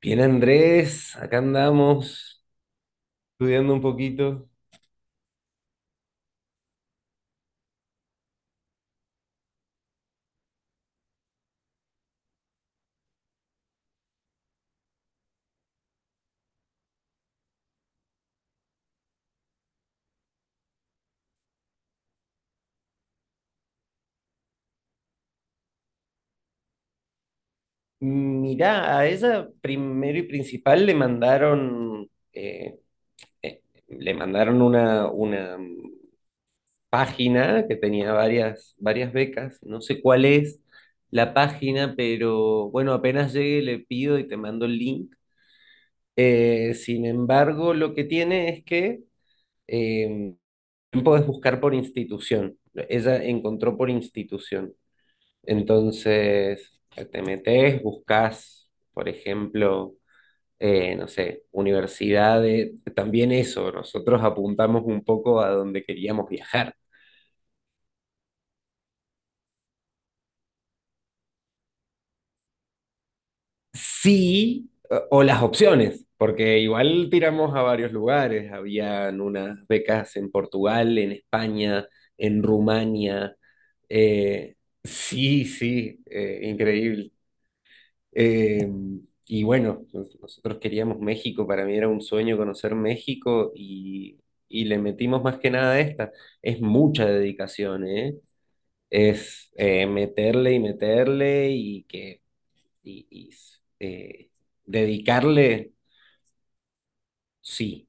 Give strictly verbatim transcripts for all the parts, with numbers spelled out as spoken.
Bien, Andrés, acá andamos estudiando un poquito. Mirá, a ella primero y principal le mandaron, eh, eh, le mandaron una, una mm, página que tenía varias, varias becas. No sé cuál es la página, pero bueno, apenas llegue le pido y te mando el link. Eh, sin embargo, lo que tiene es que eh, podés buscar por institución. Ella encontró por institución. Entonces, te metes, buscas, por ejemplo, eh, no sé, universidades, también eso, nosotros apuntamos un poco a donde queríamos viajar. Sí, o o las opciones, porque igual tiramos a varios lugares, habían unas becas en Portugal, en España, en Rumania. eh, sí, sí, eh, increíble. Eh, y bueno, nos- nosotros queríamos México, para mí era un sueño conocer México y, y le metimos más que nada a esta. Es mucha dedicación, ¿eh? Es eh, meterle y meterle y que y, y, eh, dedicarle, sí.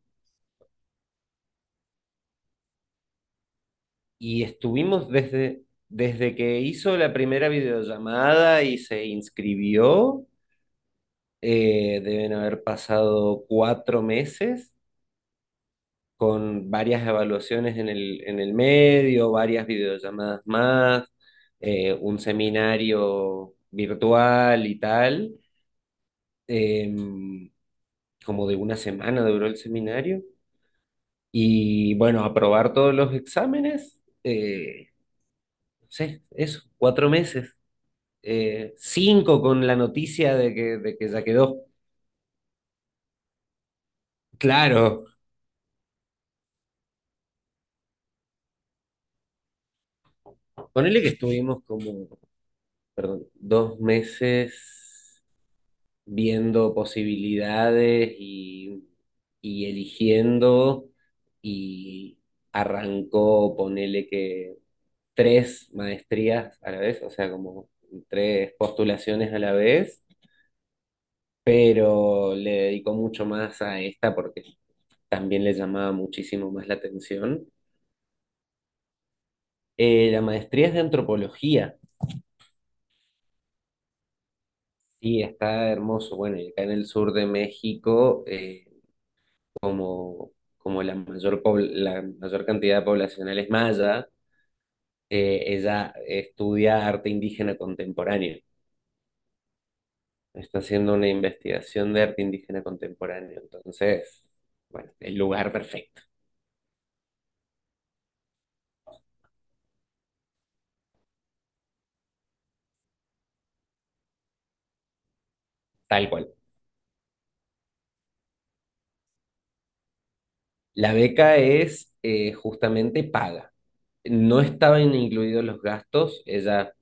Y estuvimos desde, desde que hizo la primera videollamada y se inscribió, eh, deben haber pasado cuatro meses con varias evaluaciones en el, en el medio, varias videollamadas más, eh, un seminario virtual y tal. Eh, Como de una semana duró el seminario. Y bueno, aprobar todos los exámenes, eh, no sé, eso, cuatro meses. Eh, cinco con la noticia de que, de que ya quedó. Claro, ponele que estuvimos como, perdón, dos meses viendo posibilidades y, y eligiendo y arrancó, ponele que tres maestrías a la vez, o sea, como tres postulaciones a la vez, pero le dedicó mucho más a esta porque también le llamaba muchísimo más la atención. Eh, la maestría es de antropología y está hermoso. Bueno, y acá en el sur de México, eh, como, como la mayor, pobl- la mayor cantidad de poblacional es maya, eh, ella estudia arte indígena contemporáneo. Está haciendo una investigación de arte indígena contemporáneo. Entonces, bueno, el lugar perfecto, tal cual. La beca es eh, justamente paga. No estaban incluidos los gastos, ella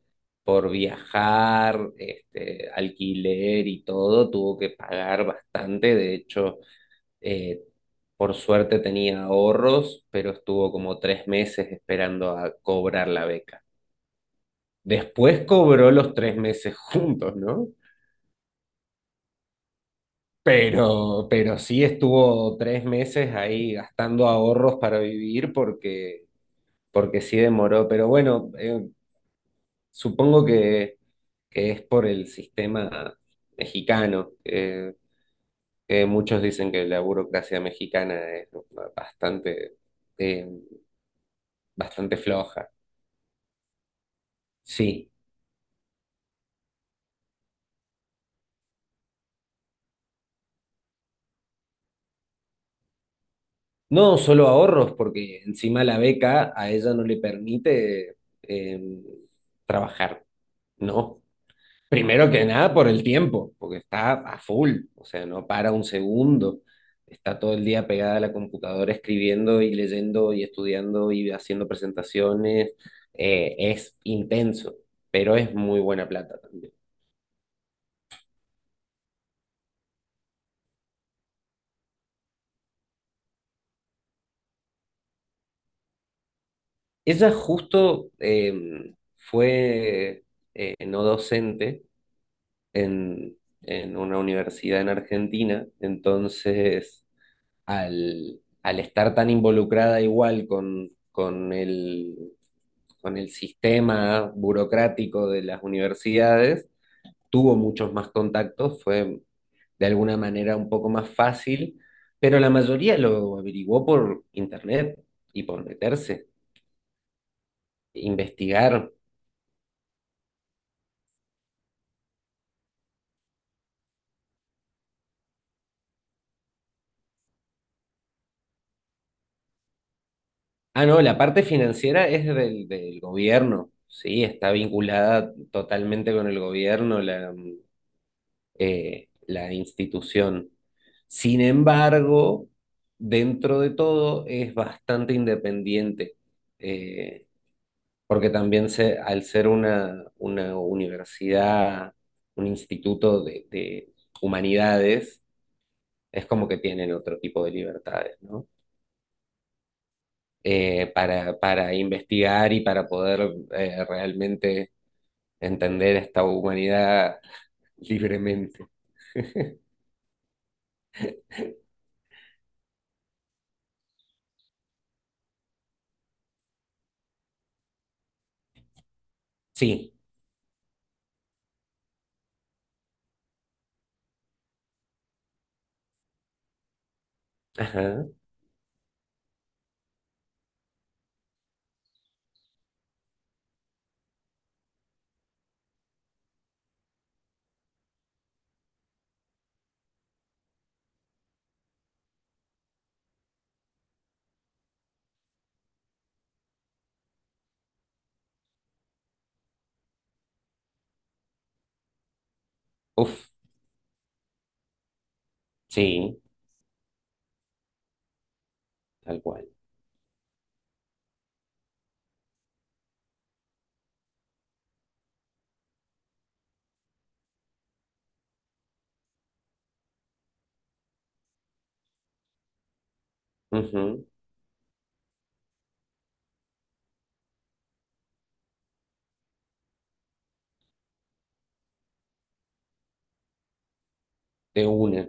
por viajar, este, alquiler y todo, tuvo que pagar bastante. De hecho, Eh, por suerte tenía ahorros, pero estuvo como tres meses esperando a cobrar la beca. Después cobró los tres meses juntos, ¿no? Pero, pero sí estuvo tres meses ahí gastando ahorros para vivir porque, porque sí demoró. Pero bueno, eh, supongo que, que es por el sistema mexicano, eh, que muchos dicen que la burocracia mexicana es bastante, eh, bastante floja. Sí, no solo ahorros, porque encima la beca a ella no le permite eh, trabajar, ¿no? Primero que nada por el tiempo, porque está a full, o sea, no para un segundo, está todo el día pegada a la computadora escribiendo y leyendo y estudiando y haciendo presentaciones, eh, es intenso, pero es muy buena plata también. Ella justo eh, fue eh, no docente en, en una universidad en Argentina, entonces al, al estar tan involucrada igual con, con el, con el sistema burocrático de las universidades, tuvo muchos más contactos, fue de alguna manera un poco más fácil, pero la mayoría lo averiguó por internet y por meterse, investigar. Ah, no, la parte financiera es del, del gobierno, sí, está vinculada totalmente con el gobierno, la, mm, eh, la institución. Sin embargo, dentro de todo es bastante independiente, eh, porque también se, al ser una, una universidad, un instituto de, de humanidades, es como que tienen otro tipo de libertades, ¿no? eh, para, para investigar y para poder eh, realmente entender esta humanidad libremente. Sí, ajá, uf, sí, tal cual. Ujú, de una.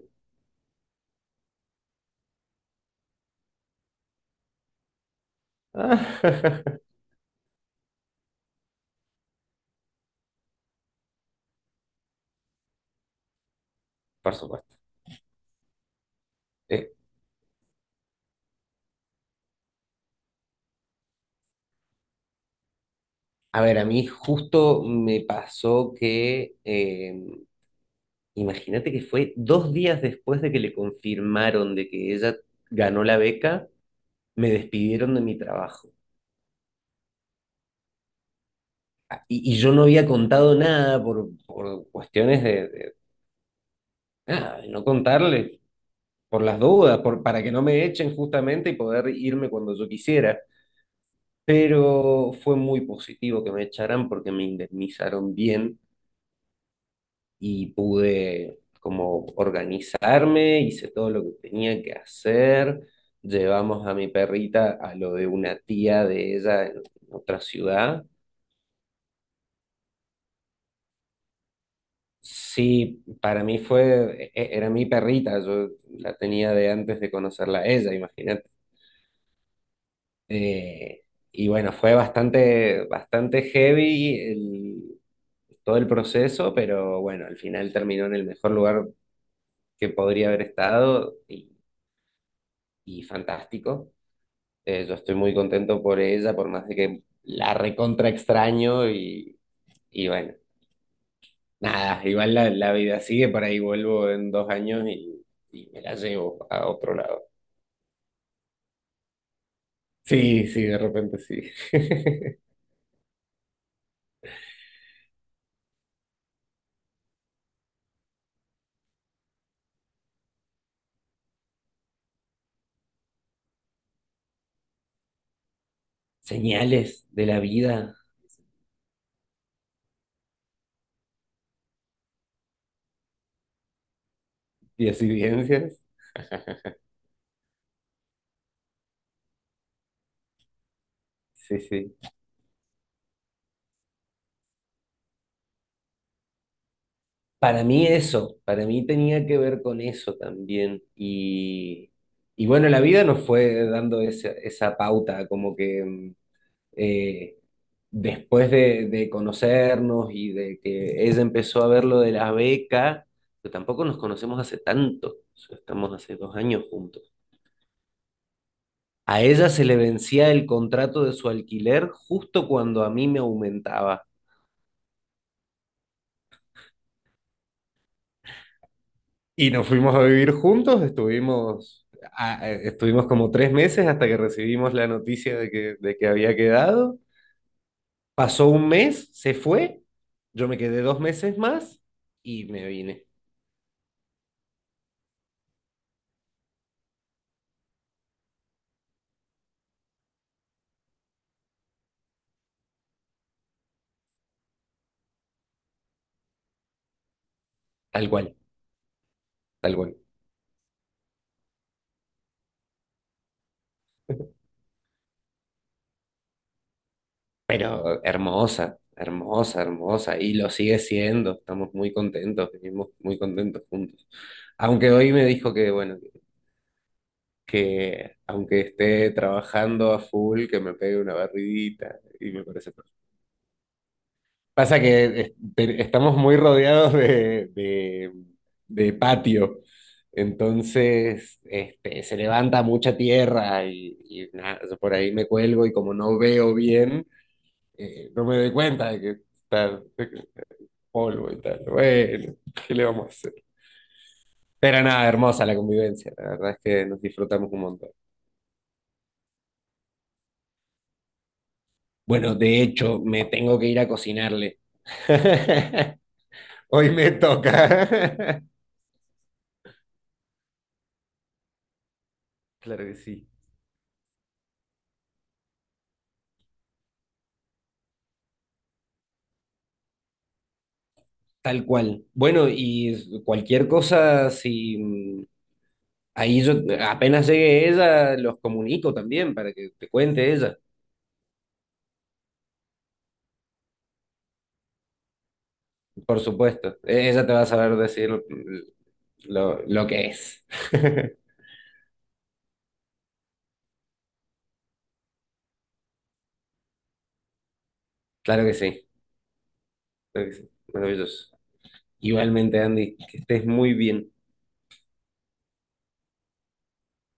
Ah, por supuesto. Eh, a ver, a mí justo me pasó que, eh, imagínate que fue dos días después de que le confirmaron de que ella ganó la beca, me despidieron de mi trabajo. Y, y yo no había contado nada por, por cuestiones de, de, nada, de no contarle, por las dudas, por, para que no me echen justamente y poder irme cuando yo quisiera. Pero fue muy positivo que me echaran porque me indemnizaron bien y pude como organizarme, hice todo lo que tenía que hacer. Llevamos a mi perrita a lo de una tía de ella en otra ciudad. Sí, para mí fue, e- e- era mi perrita, yo la tenía de antes de conocerla a ella, imagínate. Eh, y bueno, fue bastante, bastante heavy el- todo el proceso, pero bueno, al final terminó en el mejor lugar que podría haber estado y, y fantástico. Eh, yo estoy muy contento por ella, por más de que la recontra extraño y, y bueno, nada, igual la, la vida sigue, por ahí vuelvo en dos años y, y me la llevo a otro lado. Sí, sí, de repente sí. Señales de la vida. Y evidencias. Sí, sí. Para mí eso, para mí tenía que ver con eso también. Y, y bueno, la vida nos fue dando esa, esa pauta, como que mm, eh, después de, de conocernos y de que ella empezó a ver lo de la beca, pero tampoco nos conocemos hace tanto, o sea, estamos hace dos años juntos. A ella se le vencía el contrato de su alquiler justo cuando a mí me aumentaba. Y nos fuimos a vivir juntos, estuvimos, a- eh, estuvimos como tres meses hasta que recibimos la noticia de que, de que había quedado. Pasó un mes, se fue, yo me quedé dos meses más y me vine. Tal cual, tal cual. Pero hermosa, hermosa, hermosa. Y lo sigue siendo, estamos muy contentos, vivimos muy contentos juntos. Aunque hoy me dijo que, bueno, que aunque esté trabajando a full, que me pegue una barridita y me parece perfecto. Pasa que es- te- estamos muy rodeados de, de- de patio, entonces este, se levanta mucha tierra y, y nada, yo por ahí me cuelgo y como no veo bien, eh, no me doy cuenta de que está de que polvo y tal. Bueno, ¿qué le vamos a hacer? Pero nada, hermosa la convivencia, la verdad es que nos disfrutamos un montón. Bueno, de hecho, me tengo que ir a cocinarle. Hoy me toca. Claro que sí. Tal cual. Bueno, y cualquier cosa, si mm, ahí yo apenas llegue ella, los comunico también para que te cuente ella, por supuesto. E- Ella te va a saber decir lo, lo que es. Claro que sí, claro que sí. Maravilloso. Igualmente, Andy, que estés muy bien.